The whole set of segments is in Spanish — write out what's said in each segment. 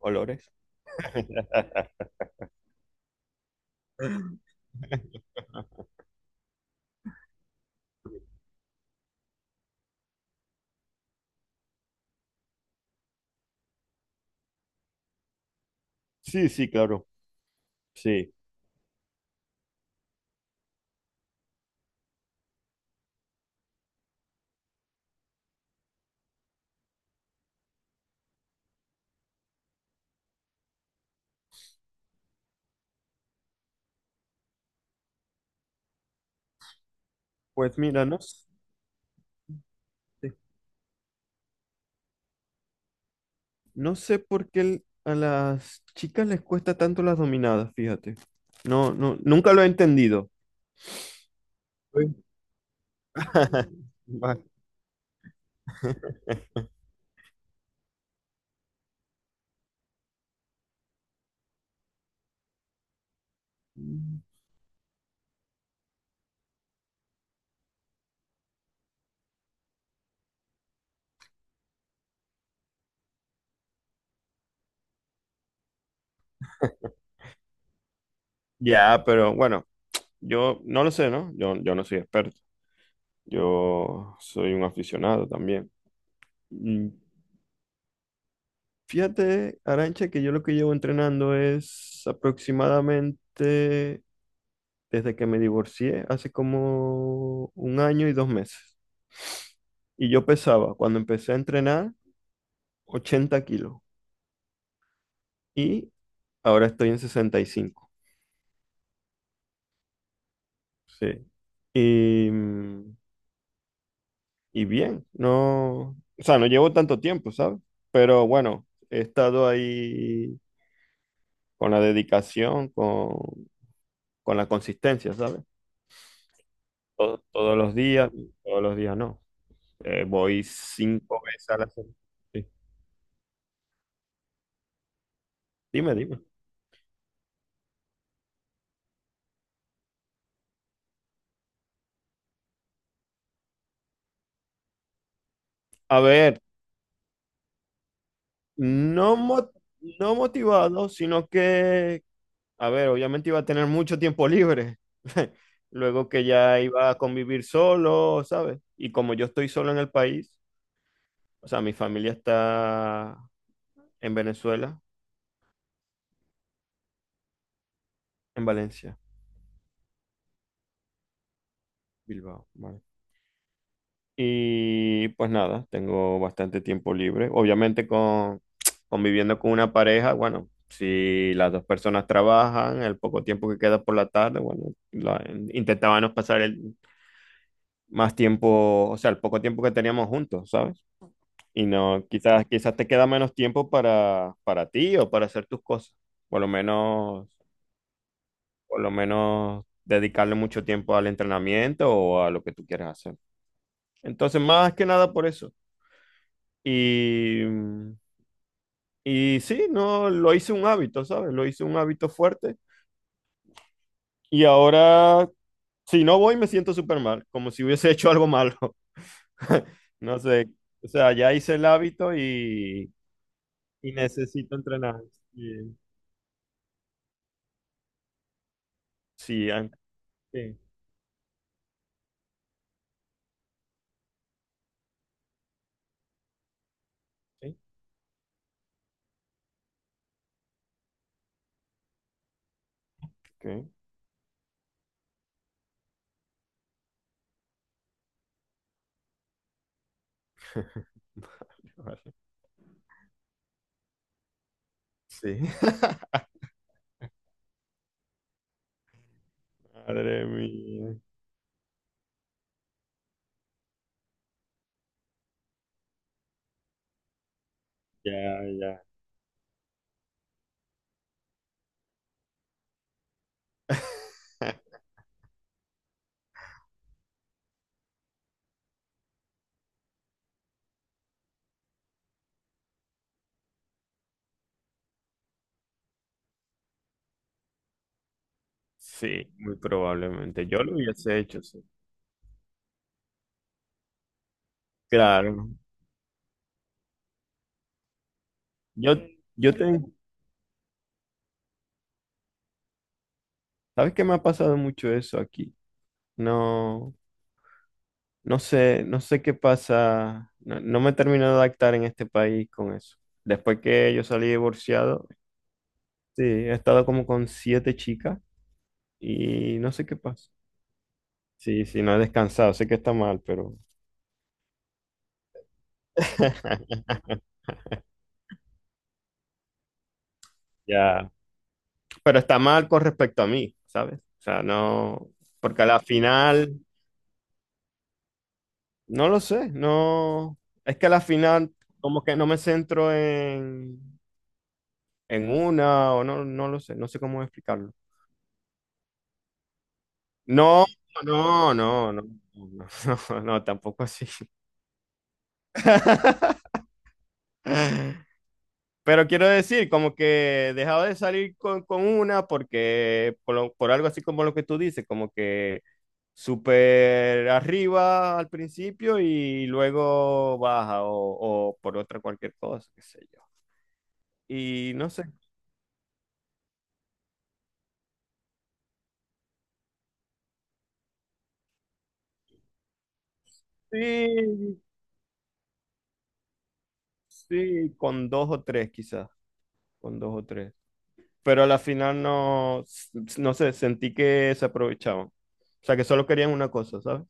Olores. Sí, sí, claro. Sí. Pues mira, no, sí. No sé por qué a las chicas les cuesta tanto las dominadas, fíjate. No, no, nunca lo he entendido. Uy. Vale. Ya, pero bueno, yo no lo sé, ¿no? Yo no soy experto. Yo soy un aficionado también. Mm, Fíjate, Arancha, que yo lo que llevo entrenando es aproximadamente desde que me divorcié hace como un año y 2 meses. Y yo pesaba, cuando empecé a entrenar, 80 kilos. Y ahora estoy en 65. Sí. Y, mm, y bien, no, o sea, no llevo tanto tiempo, ¿sabes? Pero bueno, he estado ahí con la dedicación, con la consistencia, ¿sabes? To- todos los días, todos los días no. Voy 5 veces a la semana. Sí. Dime, dime. A ver, No, mo- no motivado, sino que, a ver, obviamente iba a tener mucho tiempo libre. Luego que ya iba a convivir solo, ¿sabes? Y como yo estoy solo en el país, o sea, mi familia está en Venezuela, en Valencia, Bilbao, vale. Y pues nada, tengo bastante tiempo libre. Obviamente con conviviendo con una pareja, bueno, si las dos personas trabajan, el poco tiempo que queda por la tarde, bueno, intentábamos pasar el, más tiempo, o sea, el poco tiempo que teníamos juntos, ¿sabes? Y no, quizás te queda menos tiempo para ti o para hacer tus cosas. Por lo menos, por lo menos dedicarle mucho tiempo al entrenamiento o a lo que tú quieras hacer. Entonces, más que nada por eso. Y, y sí, no, lo hice un hábito, ¿sabes? Lo hice un hábito fuerte. Y ahora, si no voy, me siento súper mal, como si hubiese hecho algo malo. No sé. O sea, ya hice el hábito y necesito entrenar. Sí, Sí, sí, sí. Ok. Vale, vale. Sí. Madre mía. Ya, ya. Sí, muy probablemente. Yo lo hubiese hecho, sí. Claro. Yo, yo tengo, ¿sabes qué me ha pasado mucho eso aquí? No, no sé, no sé qué pasa. No, no me termino de adaptar en este país con eso. Después que yo salí divorciado, sí, he estado como con 7 chicas. Y no sé qué pasa. Sí, sí, no he descansado, sé que está mal, pero ya. Pero está mal con respecto a mí, ¿sabes? O sea, no, porque a la final, no lo sé, no, es que a la final como que no me centro en una o no, no lo sé, no sé cómo explicarlo. No, no, no, no, no, no, no, tampoco así. Pero quiero decir, como que he dejado de salir con una porque por, por algo así como lo que tú dices, como que súper arriba al principio y luego baja o por otra cualquier cosa, qué sé yo. Y no sé, sí, sí, con dos o tres quizás, con dos o tres. Pero a la final no, no sé, sentí que se aprovechaban. O sea, que solo querían una cosa, ¿sabes?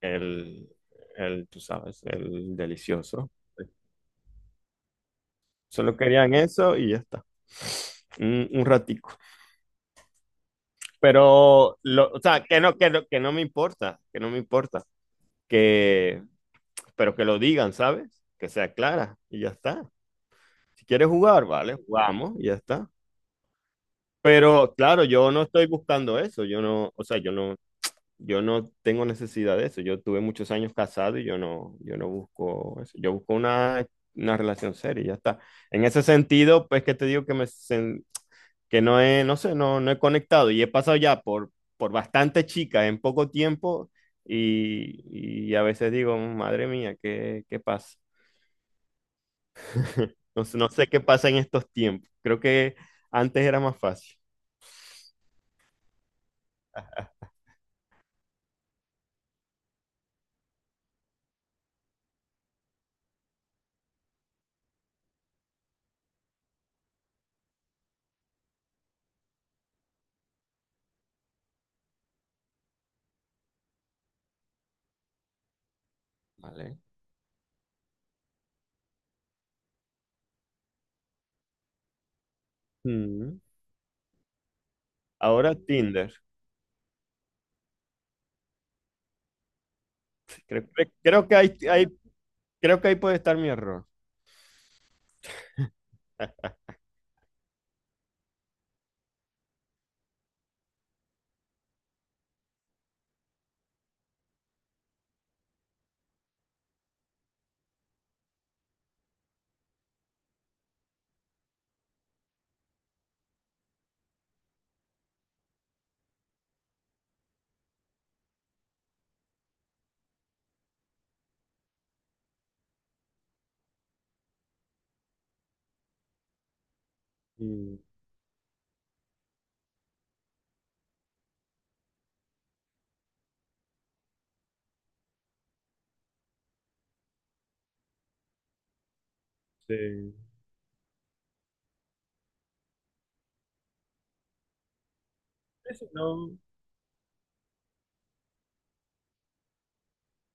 El, tú sabes, el delicioso. Solo querían eso y ya está. Un ratico. Pero, lo, o sea, que no, que no, que no me importa, que no me importa. Que, pero que lo digan, ¿sabes? Que sea clara y ya está. Si quieres jugar, vale, jugamos y ya está. Pero claro, yo no estoy buscando eso. Yo no, o sea, yo no, yo no tengo necesidad de eso. Yo tuve muchos años casado y yo no, yo no busco eso. Yo busco una relación seria y ya está. En ese sentido, pues que te digo que me, que no he, no sé, no, no he conectado y he pasado ya por bastantes chicas en poco tiempo y a veces digo, madre mía, ¿qué, qué pasa? No, no sé qué pasa en estos tiempos. Creo que antes era más fácil. Vale. Mm. Ahora Tinder. Creo, creo que hay, creo que ahí puede estar mi error. Mm, sí. Sí, sí, no,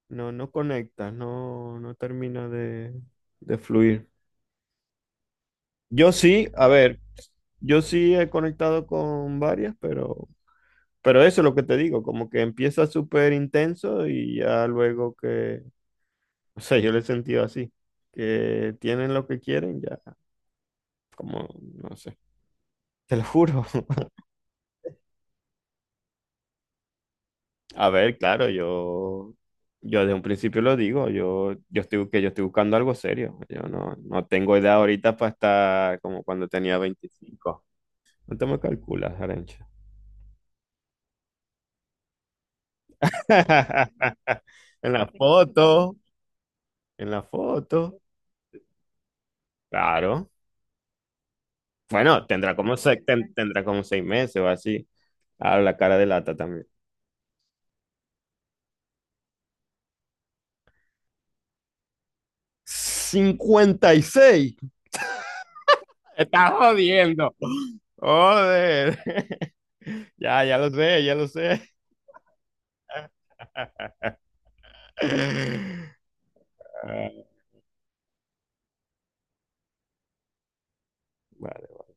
no, no conectas, no, no termina de fluir. Yo sí, a ver, yo sí he conectado con varias, pero eso es lo que te digo, como que empieza súper intenso y ya luego que, o sea, yo lo he sentido así, que tienen lo que quieren, ya, como, no sé, te lo juro. A ver, claro, yo de un principio lo digo, yo estoy, que yo estoy buscando algo serio, yo no, no tengo edad ahorita para estar como cuando tenía 25. No te me calculas, Arencha. En la foto. En la foto. Claro. Bueno, tendrá como, tendrá como 6 meses o así. Ah, la cara de lata también. 56. Me estás jodiendo. Joder. Ya, ya lo sé, ya lo sé. Ah, vale, vale.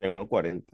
Tengo 40.